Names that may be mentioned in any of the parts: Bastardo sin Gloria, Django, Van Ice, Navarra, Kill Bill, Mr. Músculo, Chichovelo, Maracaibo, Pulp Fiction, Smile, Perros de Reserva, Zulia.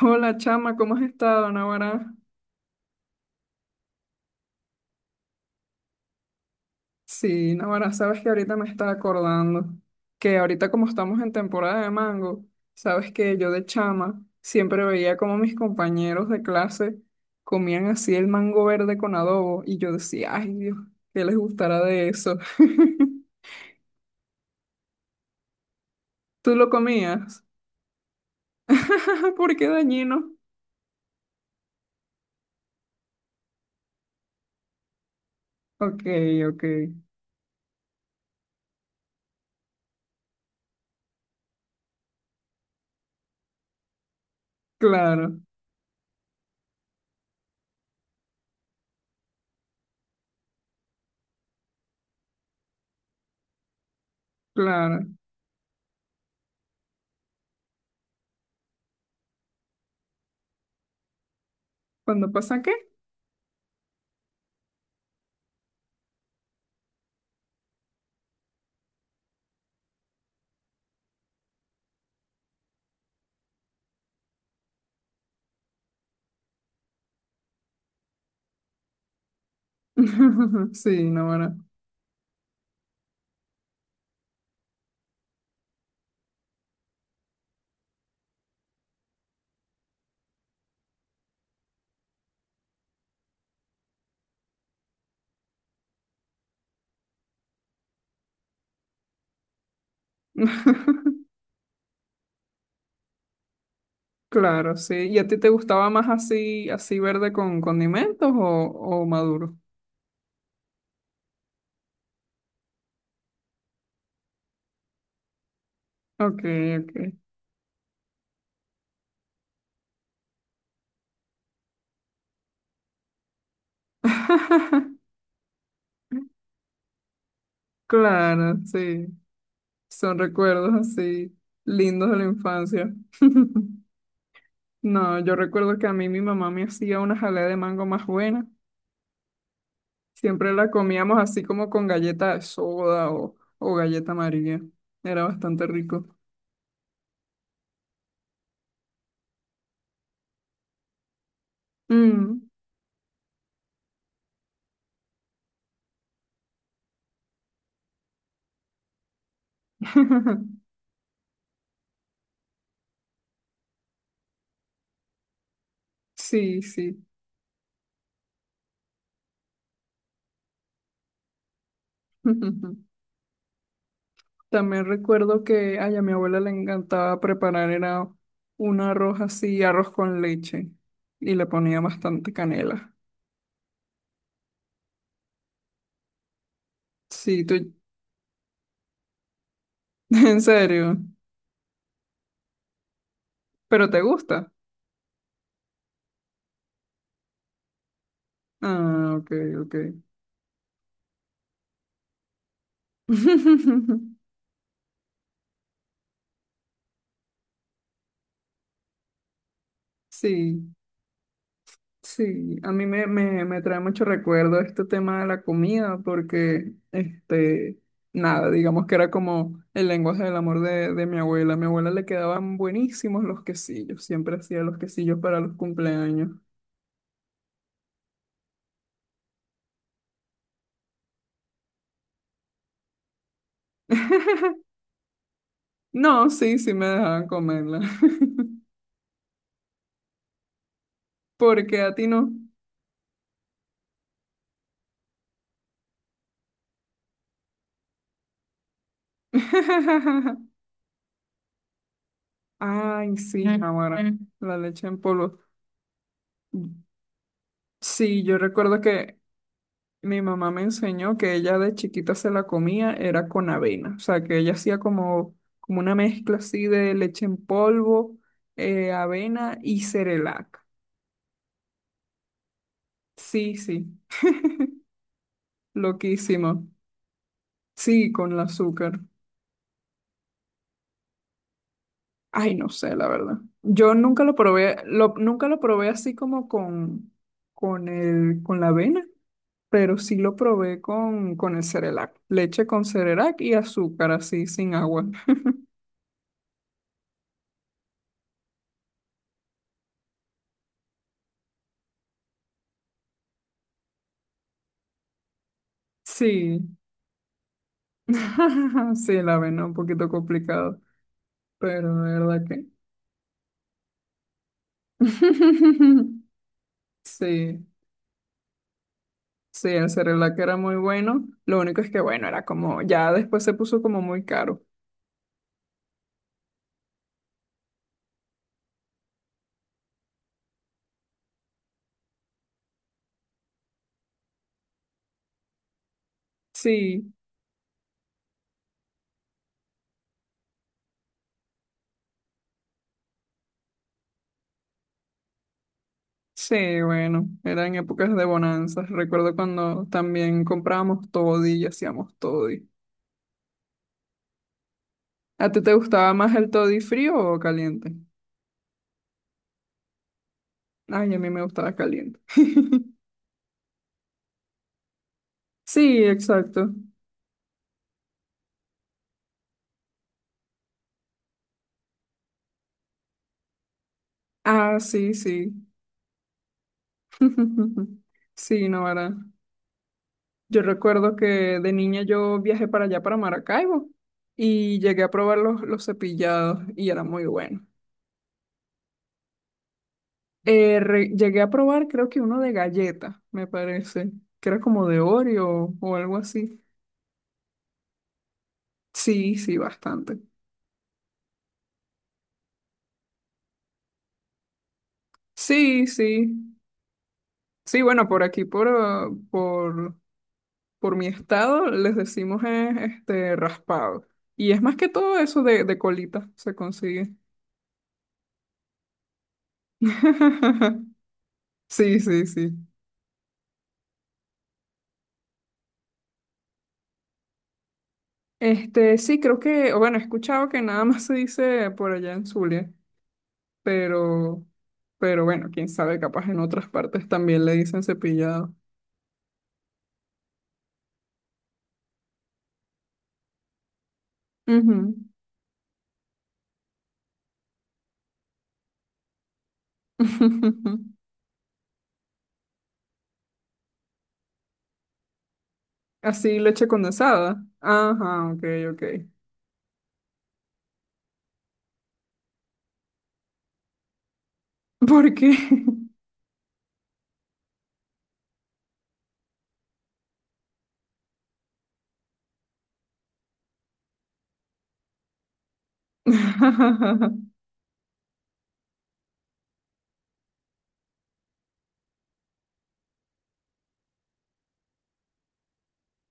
Hola chama, ¿cómo has estado, Navarra? Sí, Navarra, sabes que ahorita me está acordando que ahorita como estamos en temporada de mango, sabes que yo de chama siempre veía como mis compañeros de clase comían así el mango verde con adobo y yo decía, ay Dios, ¿qué les gustará de eso? ¿Tú lo comías? ¿Por qué dañino? Ok, ok, claro, claro. ¿Cuándo pasa qué? Sí, Navarra. Claro, sí. ¿Y a ti te gustaba más así, así verde con condimentos o maduro? Ok, ok. Claro, sí. Son recuerdos así lindos de la infancia. No, yo recuerdo que a mí mi mamá me hacía una jalea de mango más buena. Siempre la comíamos así como con galleta de soda o galleta amarilla. Era bastante rico. Mm. Sí, sí. También recuerdo que ay, a mi abuela le encantaba preparar, era un arroz así, arroz con leche, y le ponía bastante canela. Sí, tú, en serio, pero te gusta. Ah, ok, ok. Sí, sí, a mí me trae mucho recuerdo este tema de la comida, porque, este, nada, digamos que era como el lenguaje del amor de mi abuela. A mi abuela le quedaban buenísimos los quesillos, siempre hacía los quesillos para los cumpleaños. No, sí, sí me dejaban comerla, porque a ti no. Ay, sí, ahora, la leche en polvo. Sí, yo recuerdo que mi mamá me enseñó que ella de chiquita se la comía, era con avena, o sea, que ella hacía como, como una mezcla así de leche en polvo, avena y cerelac. Sí, sí, loquísimo. Sí, con el azúcar. Ay, no sé, la verdad. Yo nunca lo probé, lo, nunca lo probé así como con el, con la avena, pero sí lo probé con el cerelac. Leche con cerelac y azúcar así, sin agua. Sí. Sí, la ven un poquito complicado, pero de verdad que... Sí, sí, el que era muy bueno. Lo único es que, bueno, era como, ya después se puso como muy caro. Sí, sí, bueno, era en épocas de bonanzas. Recuerdo cuando también comprábamos toddy y hacíamos toddy. ¿A ti te gustaba más el toddy frío o caliente? Ay, a mí me gustaba caliente. Sí, exacto. Ah, sí, sí. Sí, no, ¿verdad? Yo recuerdo que de niña yo viajé para allá, para Maracaibo, y llegué a probar los cepillados y era muy bueno. Llegué a probar creo que uno de galleta, me parece, que era como de Oreo o algo así. Sí, sí, bastante. Sí, sí. Sí, bueno, por aquí, por mi estado, les decimos este raspado. Y es más que todo eso de colita se consigue. Sí, sí, sí. Este, sí, creo que, o bueno, he escuchado que nada más se dice por allá en Zulia, pero, pero bueno, quién sabe, capaz en otras partes también le dicen cepillado. Ujú. Así, leche condensada. Ajá, ok, ok. ¿Por qué?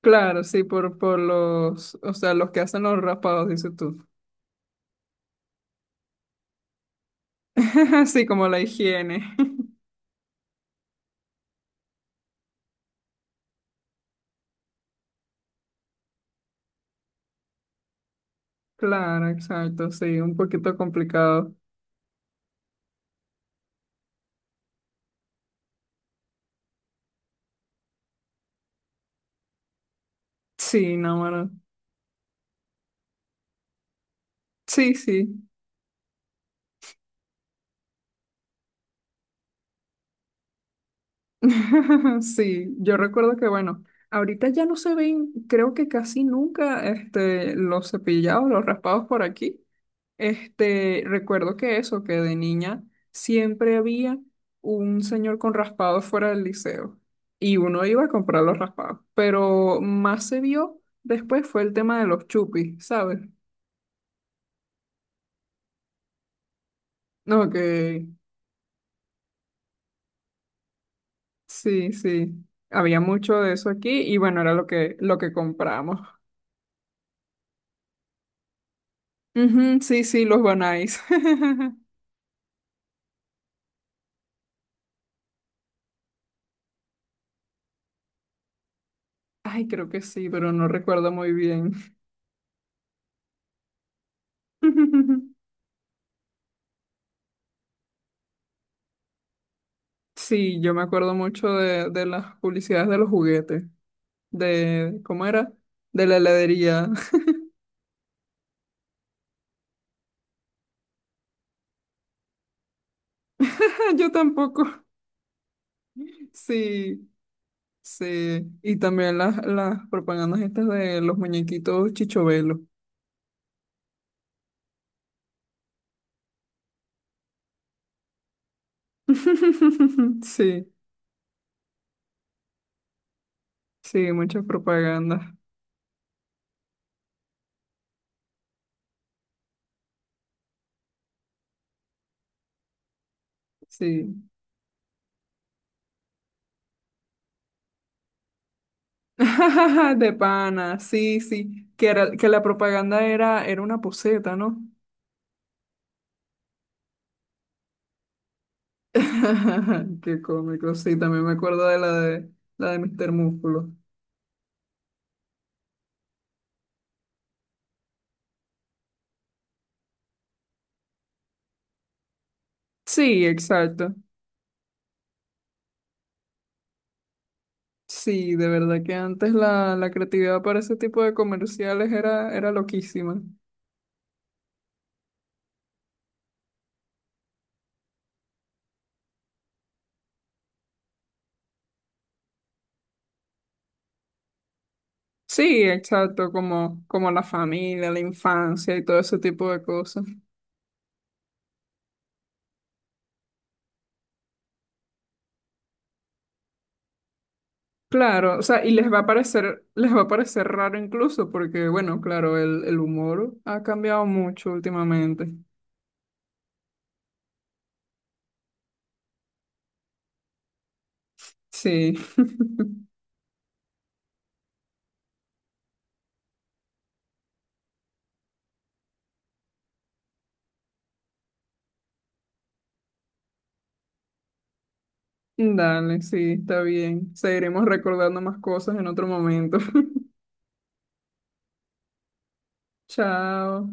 Claro, sí, por los, o sea, los que hacen los raspados, dices tú. Sí, como la higiene. Claro, exacto, sí, un poquito complicado. Sí, no, bueno. Sí, sí. Sí, yo recuerdo que bueno, ahorita ya no se ven, creo que casi nunca, este, los cepillados, los raspados por aquí. Este, recuerdo que eso, que de niña siempre había un señor con raspados fuera del liceo y uno iba a comprar los raspados, pero más se vio después fue el tema de los chupis, ¿sabes? No, que sí, sí, había mucho de eso aquí y bueno, era lo que compramos. Ujú, sí, sí, los Van Ice. Ay, creo que sí, pero no recuerdo muy bien. Sí, yo me acuerdo mucho de las publicidades de los juguetes, de, ¿cómo era? De la heladería. Yo tampoco. Sí, sí. Y también las propagandas estas de los muñequitos Chichovelo. Sí, sí, muchas propagandas. Sí. De pana, sí, sí, que, era, que la propaganda era, era una poseta, ¿no? Qué cómico, sí, también me acuerdo de la de la de Mr. Músculo. Sí, exacto. Sí, de verdad que antes la, la creatividad para ese tipo de comerciales era, era loquísima. Sí, exacto, como, como la familia, la infancia y todo ese tipo de cosas. Claro, o sea, y les va a parecer, les va a parecer raro incluso, porque bueno, claro, el humor ha cambiado mucho últimamente. Sí. Dale, sí, está bien. Seguiremos recordando más cosas en otro momento. Chao.